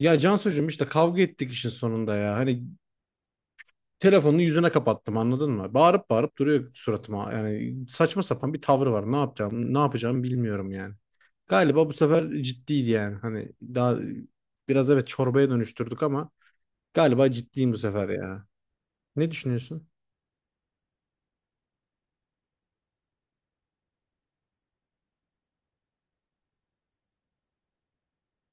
Ya Cansucuğum işte kavga ettik işin sonunda ya. Hani telefonunu yüzüne kapattım anladın mı? Bağırıp bağırıp duruyor suratıma. Yani saçma sapan bir tavrı var. Ne yapacağımı bilmiyorum yani. Galiba bu sefer ciddiydi yani. Hani daha biraz evet çorbaya dönüştürdük ama galiba ciddiyim bu sefer ya. Ne düşünüyorsun?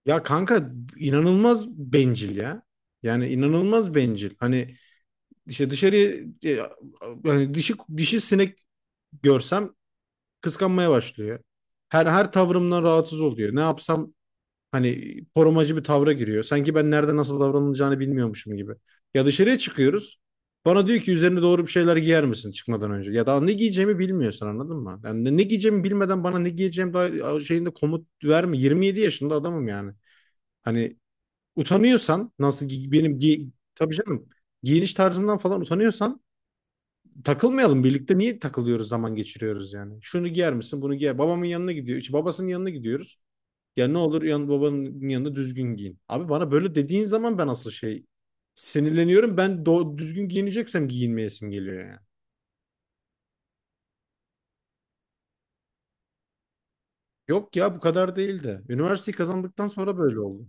Ya kanka inanılmaz bencil ya. Yani inanılmaz bencil. Hani işte dışarı e, hani dişi sinek görsem kıskanmaya başlıyor. Her tavrımdan rahatsız oluyor. Ne yapsam hani korumacı bir tavra giriyor. Sanki ben nerede nasıl davranılacağını bilmiyormuşum gibi. Ya dışarıya çıkıyoruz. Bana diyor ki üzerine doğru bir şeyler giyer misin çıkmadan önce? Ya daha ne giyeceğimi bilmiyorsun anladın mı? Yani ne giyeceğimi bilmeden bana ne giyeceğim daha şeyinde komut verme. 27 yaşında adamım yani. Hani utanıyorsan benim gi tabii canım, giyiniş tarzından falan utanıyorsan takılmayalım birlikte, niye takılıyoruz, zaman geçiriyoruz yani. Şunu giyer misin bunu giyer. Babamın yanına gidiyor. İşte babasının yanına gidiyoruz. Ya ne olur babanın yanında düzgün giyin. Abi bana böyle dediğin zaman ben asıl şey sinirleniyorum. Ben düzgün giyineceksem giyinmeyesim geliyor yani. Yok ya bu kadar değil de. Üniversiteyi kazandıktan sonra böyle oldu.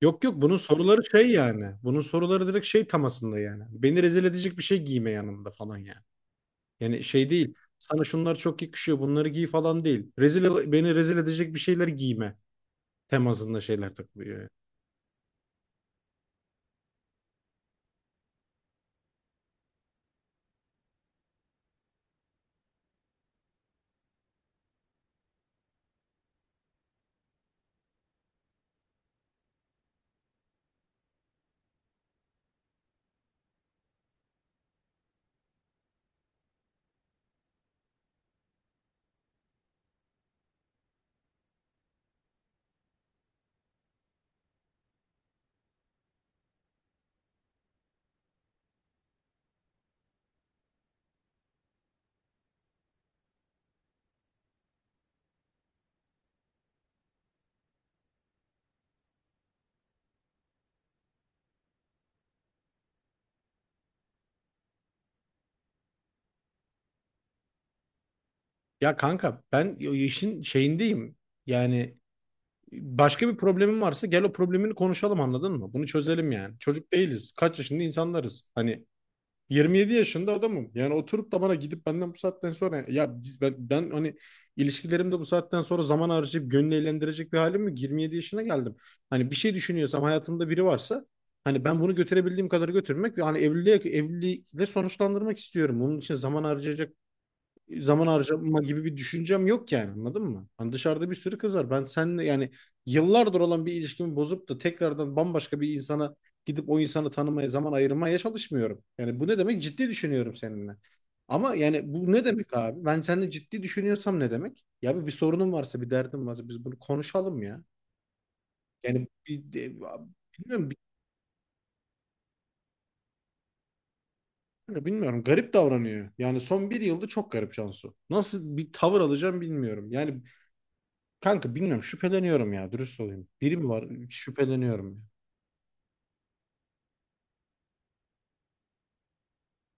Yok yok, bunun soruları şey yani. Bunun soruları direkt şey tamasında yani. Beni rezil edecek bir şey giyme yanımda falan yani. Yani şey değil. Sana şunlar çok yakışıyor, bunları giy falan değil. Beni rezil edecek bir şeyler giyme temasında şeyler takılıyor yani. Ya kanka ben işin şeyindeyim. Yani başka bir problemin varsa gel o problemini konuşalım anladın mı? Bunu çözelim yani. Çocuk değiliz. Kaç yaşında insanlarız. Hani 27 yaşında adamım. Yani oturup da bana gidip benden bu saatten sonra ya ben hani ilişkilerimde bu saatten sonra zaman harcayıp gönlü eğlendirecek bir halim yok. 27 yaşına geldim. Hani bir şey düşünüyorsam, hayatımda biri varsa hani ben bunu götürebildiğim kadar götürmek ve hani evliliğe evlilikle sonuçlandırmak istiyorum. Bunun için zaman harcama gibi bir düşüncem yok yani anladın mı? Hani dışarıda bir sürü kız var. Ben seninle yani yıllardır olan bir ilişkimi bozup da tekrardan bambaşka bir insana gidip o insanı tanımaya, zaman ayırmaya çalışmıyorum. Yani bu ne demek? Ciddi düşünüyorum seninle. Ama yani bu ne demek abi? Ben seninle ciddi düşünüyorsam ne demek? Ya bir sorunum varsa, bir derdim varsa biz bunu konuşalım ya. Yani bilmiyorum, bilmiyorum, bilmiyorum. Garip davranıyor. Yani son bir yılda çok garip Cansu. Nasıl bir tavır alacağım bilmiyorum. Yani kanka bilmiyorum, şüpheleniyorum ya, dürüst olayım. Biri mi var şüpheleniyorum ya.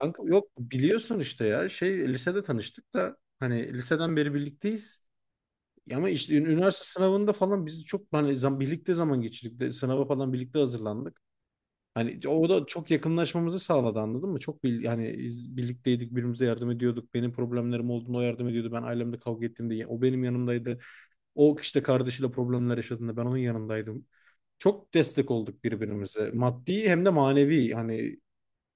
Kanka yok, biliyorsun işte ya, şey lisede tanıştık da hani liseden beri birlikteyiz. Ama işte üniversite sınavında falan biz çok hani birlikte zaman geçirdik de sınava falan birlikte hazırlandık. Hani o da çok yakınlaşmamızı sağladı anladın mı? Çok hani biz birlikteydik, birbirimize yardım ediyorduk. Benim problemlerim olduğunda o yardım ediyordu. Ben ailemle kavga ettiğimde o benim yanımdaydı. O işte kardeşiyle problemler yaşadığında ben onun yanındaydım. Çok destek olduk birbirimize. Maddi hem de manevi. Hani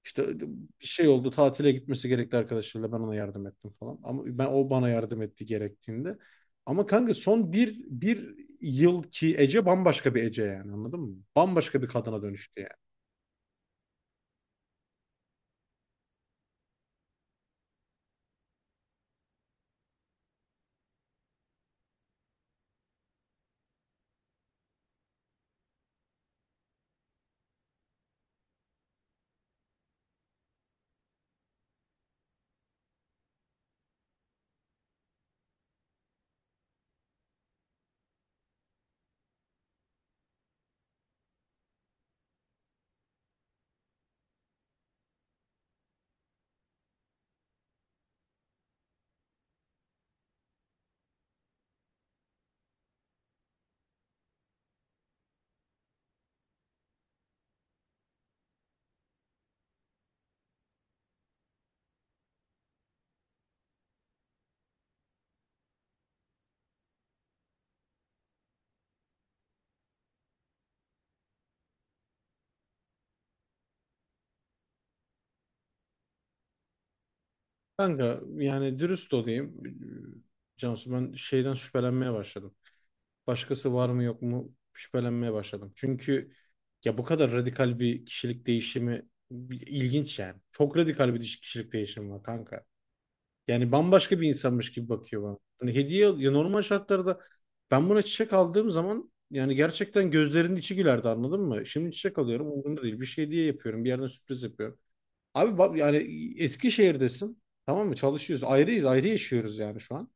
işte bir şey oldu, tatile gitmesi gerekti arkadaşlarıyla, ben ona yardım ettim falan. Ama ben, o bana yardım etti gerektiğinde. Ama kanka son bir yıl ki, Ece bambaşka bir Ece yani anladın mı? Bambaşka bir kadına dönüştü yani. Kanka yani dürüst olayım. Cansu, ben şeyden şüphelenmeye başladım. Başkası var mı yok mu şüphelenmeye başladım. Çünkü ya bu kadar radikal bir kişilik değişimi ilginç yani. Çok radikal bir kişilik değişimi var kanka. Yani bambaşka bir insanmış gibi bakıyor bana. Hani ya normal şartlarda ben buna çiçek aldığım zaman yani gerçekten gözlerinin içi gülerdi anladın mı? Şimdi çiçek alıyorum, umurumda değil. Bir şey hediye yapıyorum. Bir yerden sürpriz yapıyorum. Abi bak yani, Eskişehir'desin. Tamam mı? Çalışıyoruz. Ayrıyız. Ayrı yaşıyoruz yani şu an.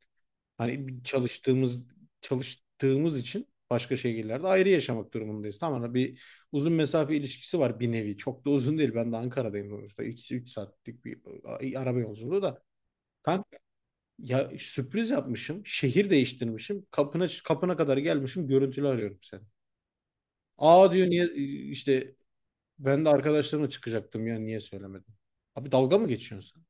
Hani çalıştığımız için başka şehirlerde ayrı yaşamak durumundayız. Tamam mı? Bir uzun mesafe ilişkisi var bir nevi. Çok da uzun değil. Ben de Ankara'dayım sonuçta. 2-3 saatlik bir araba yolculuğu da. Kanka ya sürpriz yapmışım. Şehir değiştirmişim. Kapına kadar gelmişim. Görüntülü arıyorum seni. Aa diyor, niye işte ben de arkadaşlarımla çıkacaktım ya, niye söylemedin? Abi dalga mı geçiyorsun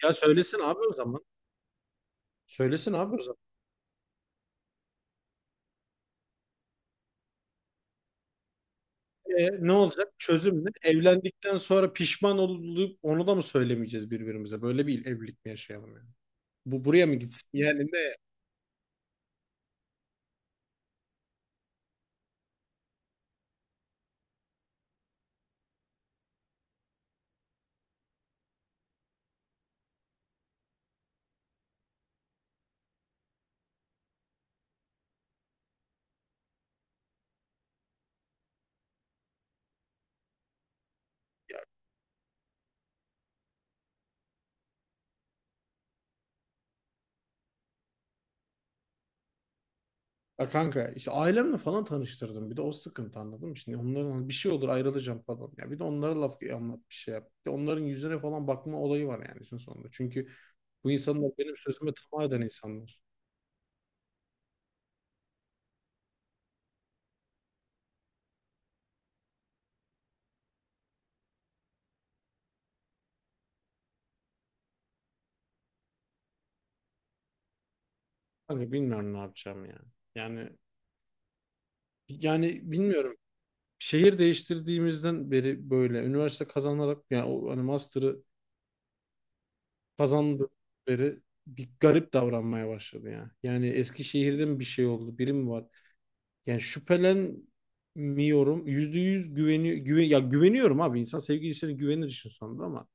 sen? Ya söylesin abi o zaman. Söylesin abi o zaman. E, ne olacak? Çözüm ne? Evlendikten sonra pişman olup onu da mı söylemeyeceğiz birbirimize? Böyle bir evlilik mi yaşayalım yani? Bu buraya mı gitsin? Yani ne? Ya kanka işte ailemle falan tanıştırdım. Bir de o sıkıntı anladın mı? Şimdi onların hani bir şey olur, ayrılacağım falan. Ya bir de onlara laf anlat, bir şey yap. Bir de onların yüzüne falan bakma olayı var yani işin sonunda. Çünkü bu insanlar benim sözüme tamah eden insanlar. Kanka bilmiyorum ne yapacağım yani. Yani yani bilmiyorum. Şehir değiştirdiğimizden beri böyle üniversite kazanarak yani o hani master'ı kazandıkları bir garip davranmaya başladı ya. Yani Eskişehir'de mi bir şey oldu, biri mi var? Yani şüphelenmiyorum. %100 ya güveniyorum abi. İnsan sevgilisine güvenir işin sonunda ama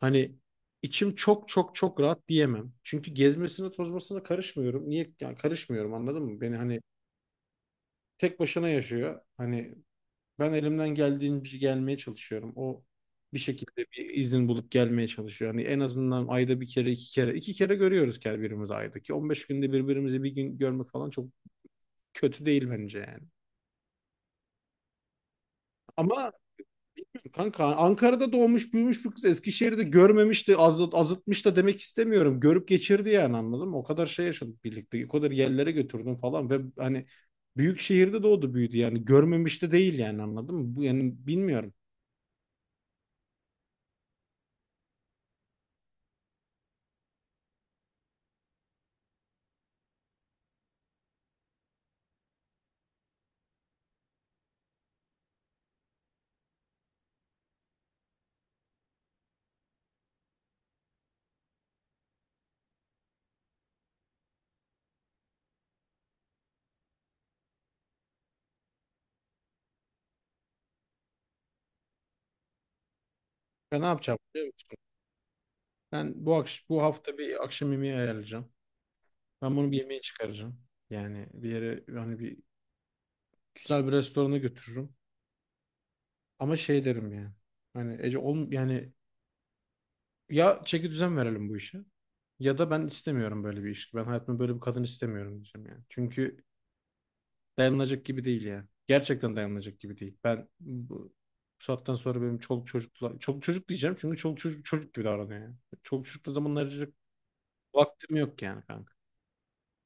hani içim çok çok çok rahat diyemem. Çünkü gezmesine tozmasına karışmıyorum. Niye yani karışmıyorum anladın mı? Beni hani tek başına yaşıyor. Hani ben elimden geldiğince gelmeye çalışıyorum. O bir şekilde bir izin bulup gelmeye çalışıyor. Hani en azından ayda bir kere, iki kere görüyoruz ki birbirimizi, ayda ki. 15 günde birbirimizi bir gün görmek falan çok kötü değil bence yani. Ama kanka Ankara'da doğmuş büyümüş bir kız Eskişehir'de görmemiş de azıtmış da demek istemiyorum. Görüp geçirdi yani anladın mı? O kadar şey yaşadık birlikte. O kadar yerlere götürdüm falan ve hani büyük şehirde doğdu büyüdü yani. Görmemiş de değil yani anladın mı? Bu yani bilmiyorum. Ya ne yapacağım? Ben bu hafta bir akşam yemeği ayarlayacağım. Ben bunu bir yemeğe çıkaracağım. Yani bir yere yani bir güzel bir restorana götürürüm. Ama şey derim yani. Hani Ece yani, ya çeki düzen verelim bu işe ya da ben istemiyorum böyle bir ilişki. Ben hayatımda böyle bir kadın istemiyorum diyeceğim yani. Çünkü dayanılacak gibi değil yani. Gerçekten dayanılacak gibi değil. Ben bu saatten sonra benim çoluk çocuk diyeceğim çünkü çoluk çocuk gibi davranıyor yani. Çoluk çocukla zaman ayıracak vaktim yok yani kanka.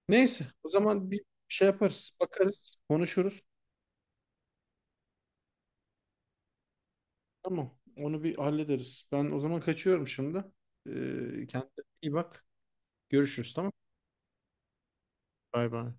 Neyse, o zaman bir şey yaparız, bakarız, konuşuruz. Tamam, onu bir hallederiz. Ben o zaman kaçıyorum şimdi. Kendine iyi bak. Görüşürüz, tamam. Bay bay.